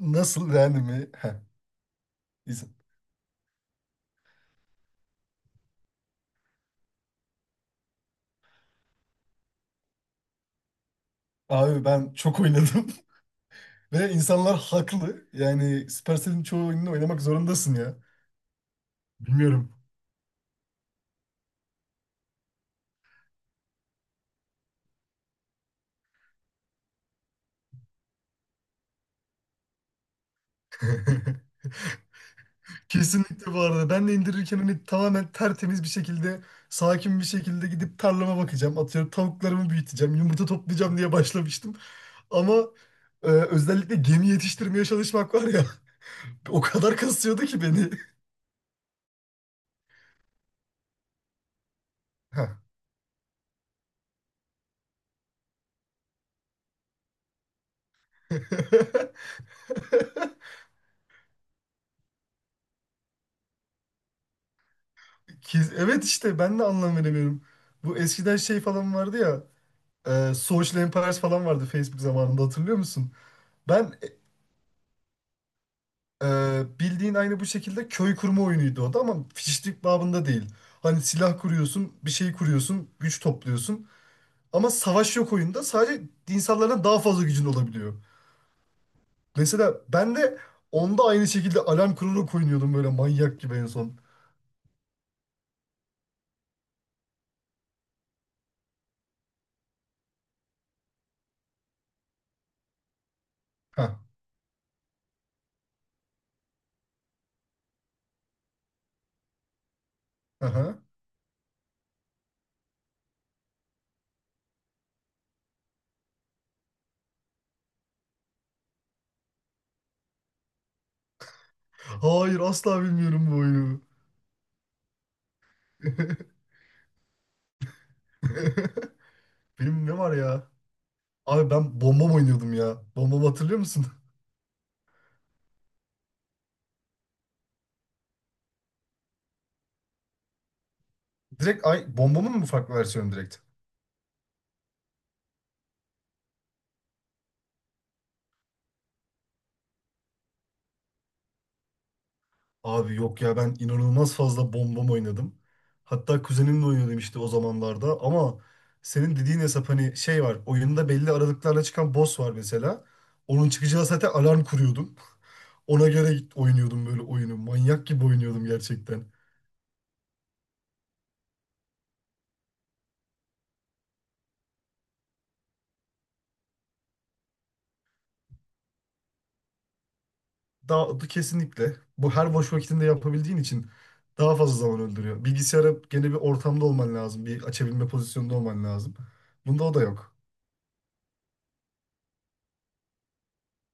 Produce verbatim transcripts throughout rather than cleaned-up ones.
Nasıl yani mi? Heh, izin. Abi ben çok oynadım ve insanlar haklı. Yani Supercell'in çoğu oyununu oynamak zorundasın ya. Bilmiyorum. Kesinlikle bu arada. Ben de indirirken hani tamamen tertemiz bir şekilde, sakin bir şekilde gidip tarlama bakacağım. Atıyorum tavuklarımı büyüteceğim, yumurta toplayacağım diye başlamıştım. Ama e, özellikle gemi yetiştirmeye çalışmak var ya. O kadar kasıyordu ki beni. Heh. Kes- Evet, işte ben de anlam veremiyorum. Bu eskiden şey falan vardı ya. E, Social Empires falan vardı Facebook zamanında, hatırlıyor musun? Ben e, bildiğin aynı bu şekilde köy kurma oyunuydu o da, ama fişlik babında değil. Hani silah kuruyorsun, bir şey kuruyorsun, güç topluyorsun. Ama savaş yok oyunda. Sadece insanlardan daha fazla gücün olabiliyor. Mesela ben de onda aynı şekilde alarm kurarak oynuyordum böyle manyak gibi en son. Heh, aha. Hayır, asla bilmiyorum bu oyunu. Benim ne var ya? Abi ben bombam oynuyordum ya. Bombamı hatırlıyor musun? Direkt ay bombamın mı farklı versiyonu direkt? Abi yok ya, ben inanılmaz fazla bombam oynadım. Hatta kuzenimle oynuyordum işte o zamanlarda, ama senin dediğin hesap hani şey var oyunda, belli aralıklarla çıkan boss var mesela. Onun çıkacağı saate alarm kuruyordum. Ona göre oynuyordum böyle oyunu. Manyak gibi oynuyordum gerçekten. Daha kesinlikle. Bu her boş vakitinde yapabildiğin için daha fazla zaman öldürüyor. Bilgisayara gene bir ortamda olman lazım. Bir açabilme pozisyonunda olman lazım. Bunda o da yok.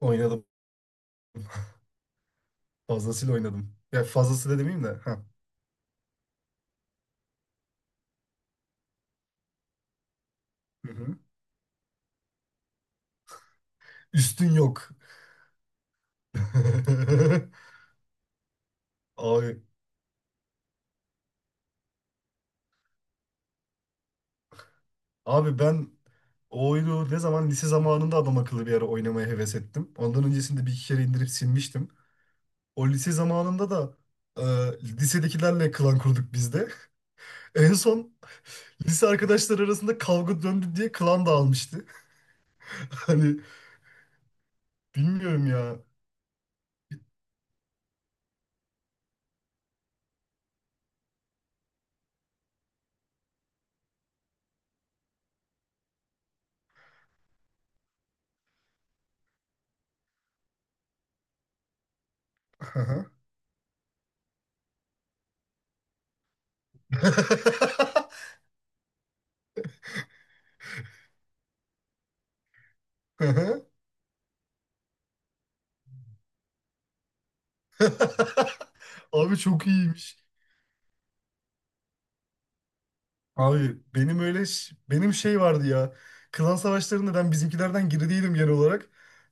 Oynadım. Fazlasıyla oynadım. Ya fazlası da demeyeyim de. Ha. Hı hı. Üstün yok. Abi, abi ben o oyunu ne zaman lise zamanında adam akıllı bir ara oynamaya heves ettim. Ondan öncesinde bir iki kere indirip silmiştim. O lise zamanında da e, lisedekilerle klan kurduk biz de. En son lise arkadaşlar arasında kavga döndü diye klan dağılmıştı. Hani bilmiyorum ya. Abi çok iyiymiş. Abi benim öyle ş- benim şey vardı ya. Klan savaşlarında ben bizimkilerden geri değilim genel olarak.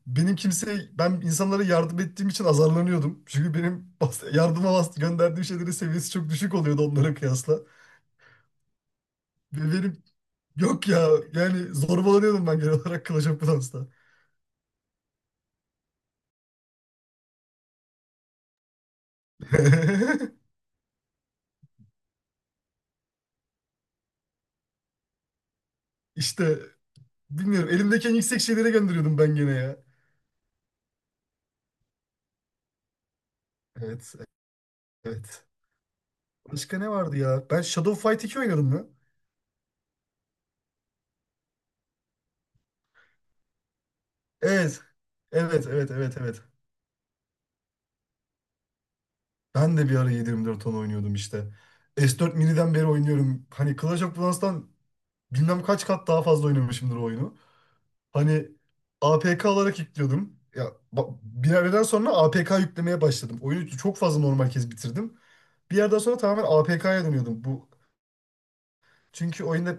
Benim kimse ben insanlara yardım ettiğim için azarlanıyordum. Çünkü benim bas- yardıma bas- gönderdiğim şeylerin seviyesi çok düşük oluyordu onlara kıyasla. Ve benim yok ya, yani zorbalanıyordum ben genel olarak Clash of Clans'ta. İşte bilmiyorum, elimdeki en yüksek şeylere gönderiyordum ben gene ya. Evet, evet. Başka ne vardı ya? Ben Shadow Fight iki oynadım mı? Evet. Evet, evet, evet, evet. Ben de bir ara yedi yirmi dört ton oynuyordum işte. S dört Mini'den beri oynuyorum. Hani Clash of Clans'tan bilmem kaç kat daha fazla oynamışımdır o oyunu. Hani A P K olarak yüklüyordum. Ya ba- bir yerden sonra A P K yüklemeye başladım. Oyunu çok fazla normal kez bitirdim. Bir yerden sonra tamamen A P K'ya dönüyordum. Bu çünkü oyunda.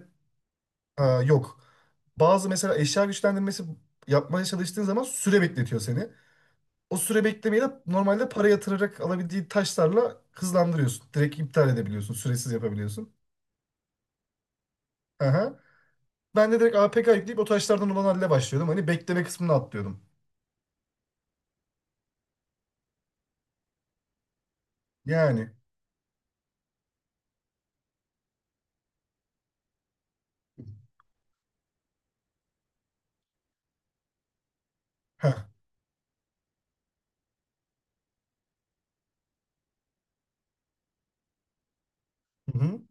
Ha, yok. Bazı mesela eşya güçlendirmesi yapmaya çalıştığın zaman süre bekletiyor seni. O süre beklemeyi de normalde para yatırarak alabildiği taşlarla hızlandırıyorsun. Direkt iptal edebiliyorsun. Süresiz yapabiliyorsun. Aha. Ben de direkt A P K yükleyip o taşlardan olan halle başlıyordum. Hani bekleme kısmını atlıyordum. Yani. Heh. Hı hı.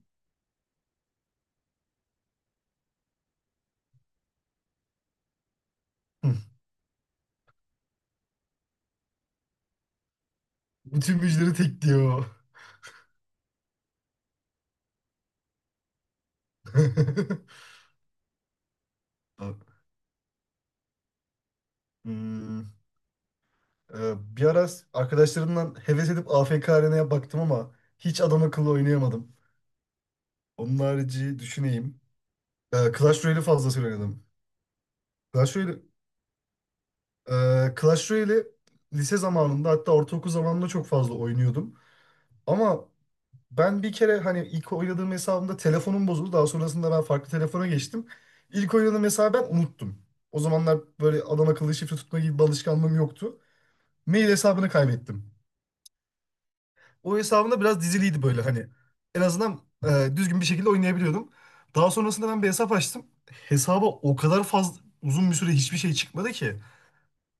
Hı. Bütün müjdeleri tek diyor. Hmm, e, bir ara arkadaşlarımdan heves edip A F K Arena'ya baktım ama hiç adam akıllı oynayamadım. Onun harici düşüneyim. Ee, Clash Royale'i fazlasıyla oynadım. Clash Royale, e, Clash Royale'i lise zamanında, hatta ortaokul zamanında çok fazla oynuyordum. Ama ben bir kere hani ilk oynadığım hesabımda telefonum bozuldu. Daha sonrasında ben farklı telefona geçtim. İlk oynadığım hesabı ben unuttum. O zamanlar böyle adam akıllı şifre tutma gibi bir alışkanlığım yoktu. Mail hesabını kaybettim. O hesabımda biraz diziliydi böyle hani. En azından e, düzgün bir şekilde oynayabiliyordum. Daha sonrasında ben bir hesap açtım. Hesaba o kadar fazla uzun bir süre hiçbir şey çıkmadı ki.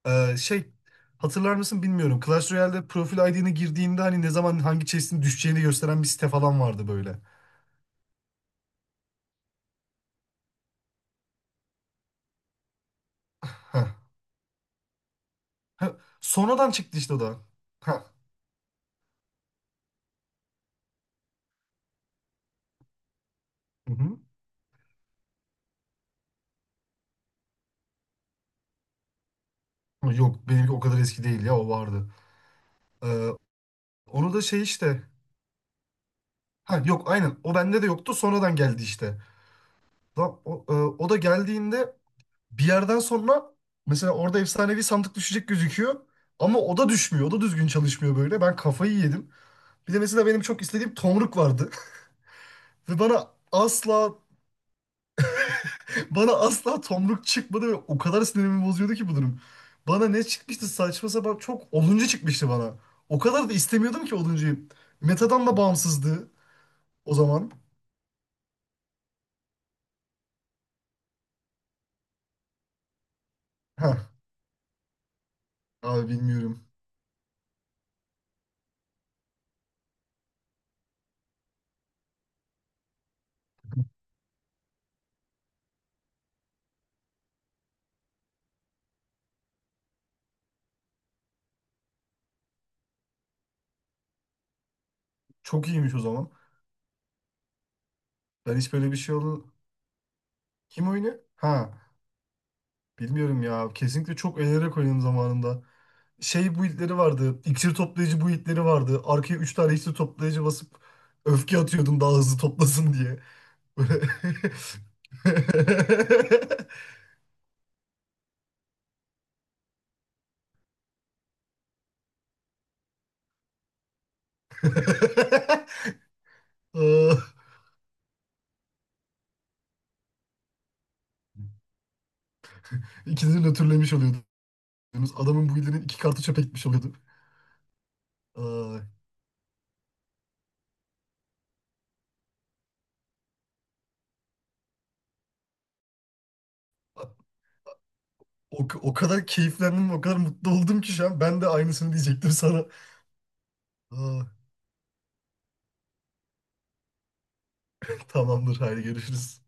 Ee, şey hatırlar mısın bilmiyorum. Clash Royale'de profil I D'ne girdiğinde hani ne zaman hangi chest'in düşeceğini gösteren bir site falan vardı böyle. Heh. Heh. Sonradan çıktı işte o da. Heh. Hı-hı. Yok, benimki o kadar eski değil ya, o vardı. Ee, Onu da şey işte. Ha yok, aynen o bende de yoktu, sonradan geldi işte. Lan o, e, o da geldiğinde bir yerden sonra mesela orada efsanevi sandık düşecek gözüküyor. Ama o da düşmüyor. O da düzgün çalışmıyor böyle. Ben kafayı yedim. Bir de mesela benim çok istediğim tomruk vardı. Ve bana asla bana asla tomruk çıkmadı ve o kadar sinirimi bozuyordu ki bu durum. Bana ne çıkmıştı, saçma sapan çok oduncu çıkmıştı bana. O kadar da istemiyordum ki oduncuyu. Metadan da bağımsızdı o zaman. Heh, abi bilmiyorum. Çok iyiymiş o zaman. Ben hiç böyle bir şey oldu. Kim oynuyor? Ha, bilmiyorum ya. Kesinlikle çok eğlenerek oynadım zamanında. Şey build'leri vardı. İksir toplayıcı build'leri vardı. Arkaya üç tane iksir toplayıcı basıp öfke atıyordum daha hızlı toplasın diye. Aa, İkinizi nötrlemiş oluyordunuz. Adamın bu ilinin iki kartı çöpe gitmiş oluyordu. Aa, o, o kadar keyiflendim, o kadar mutlu oldum ki şu an. Ben de aynısını diyecektim sana. Aa, tamamdır, haydi görüşürüz.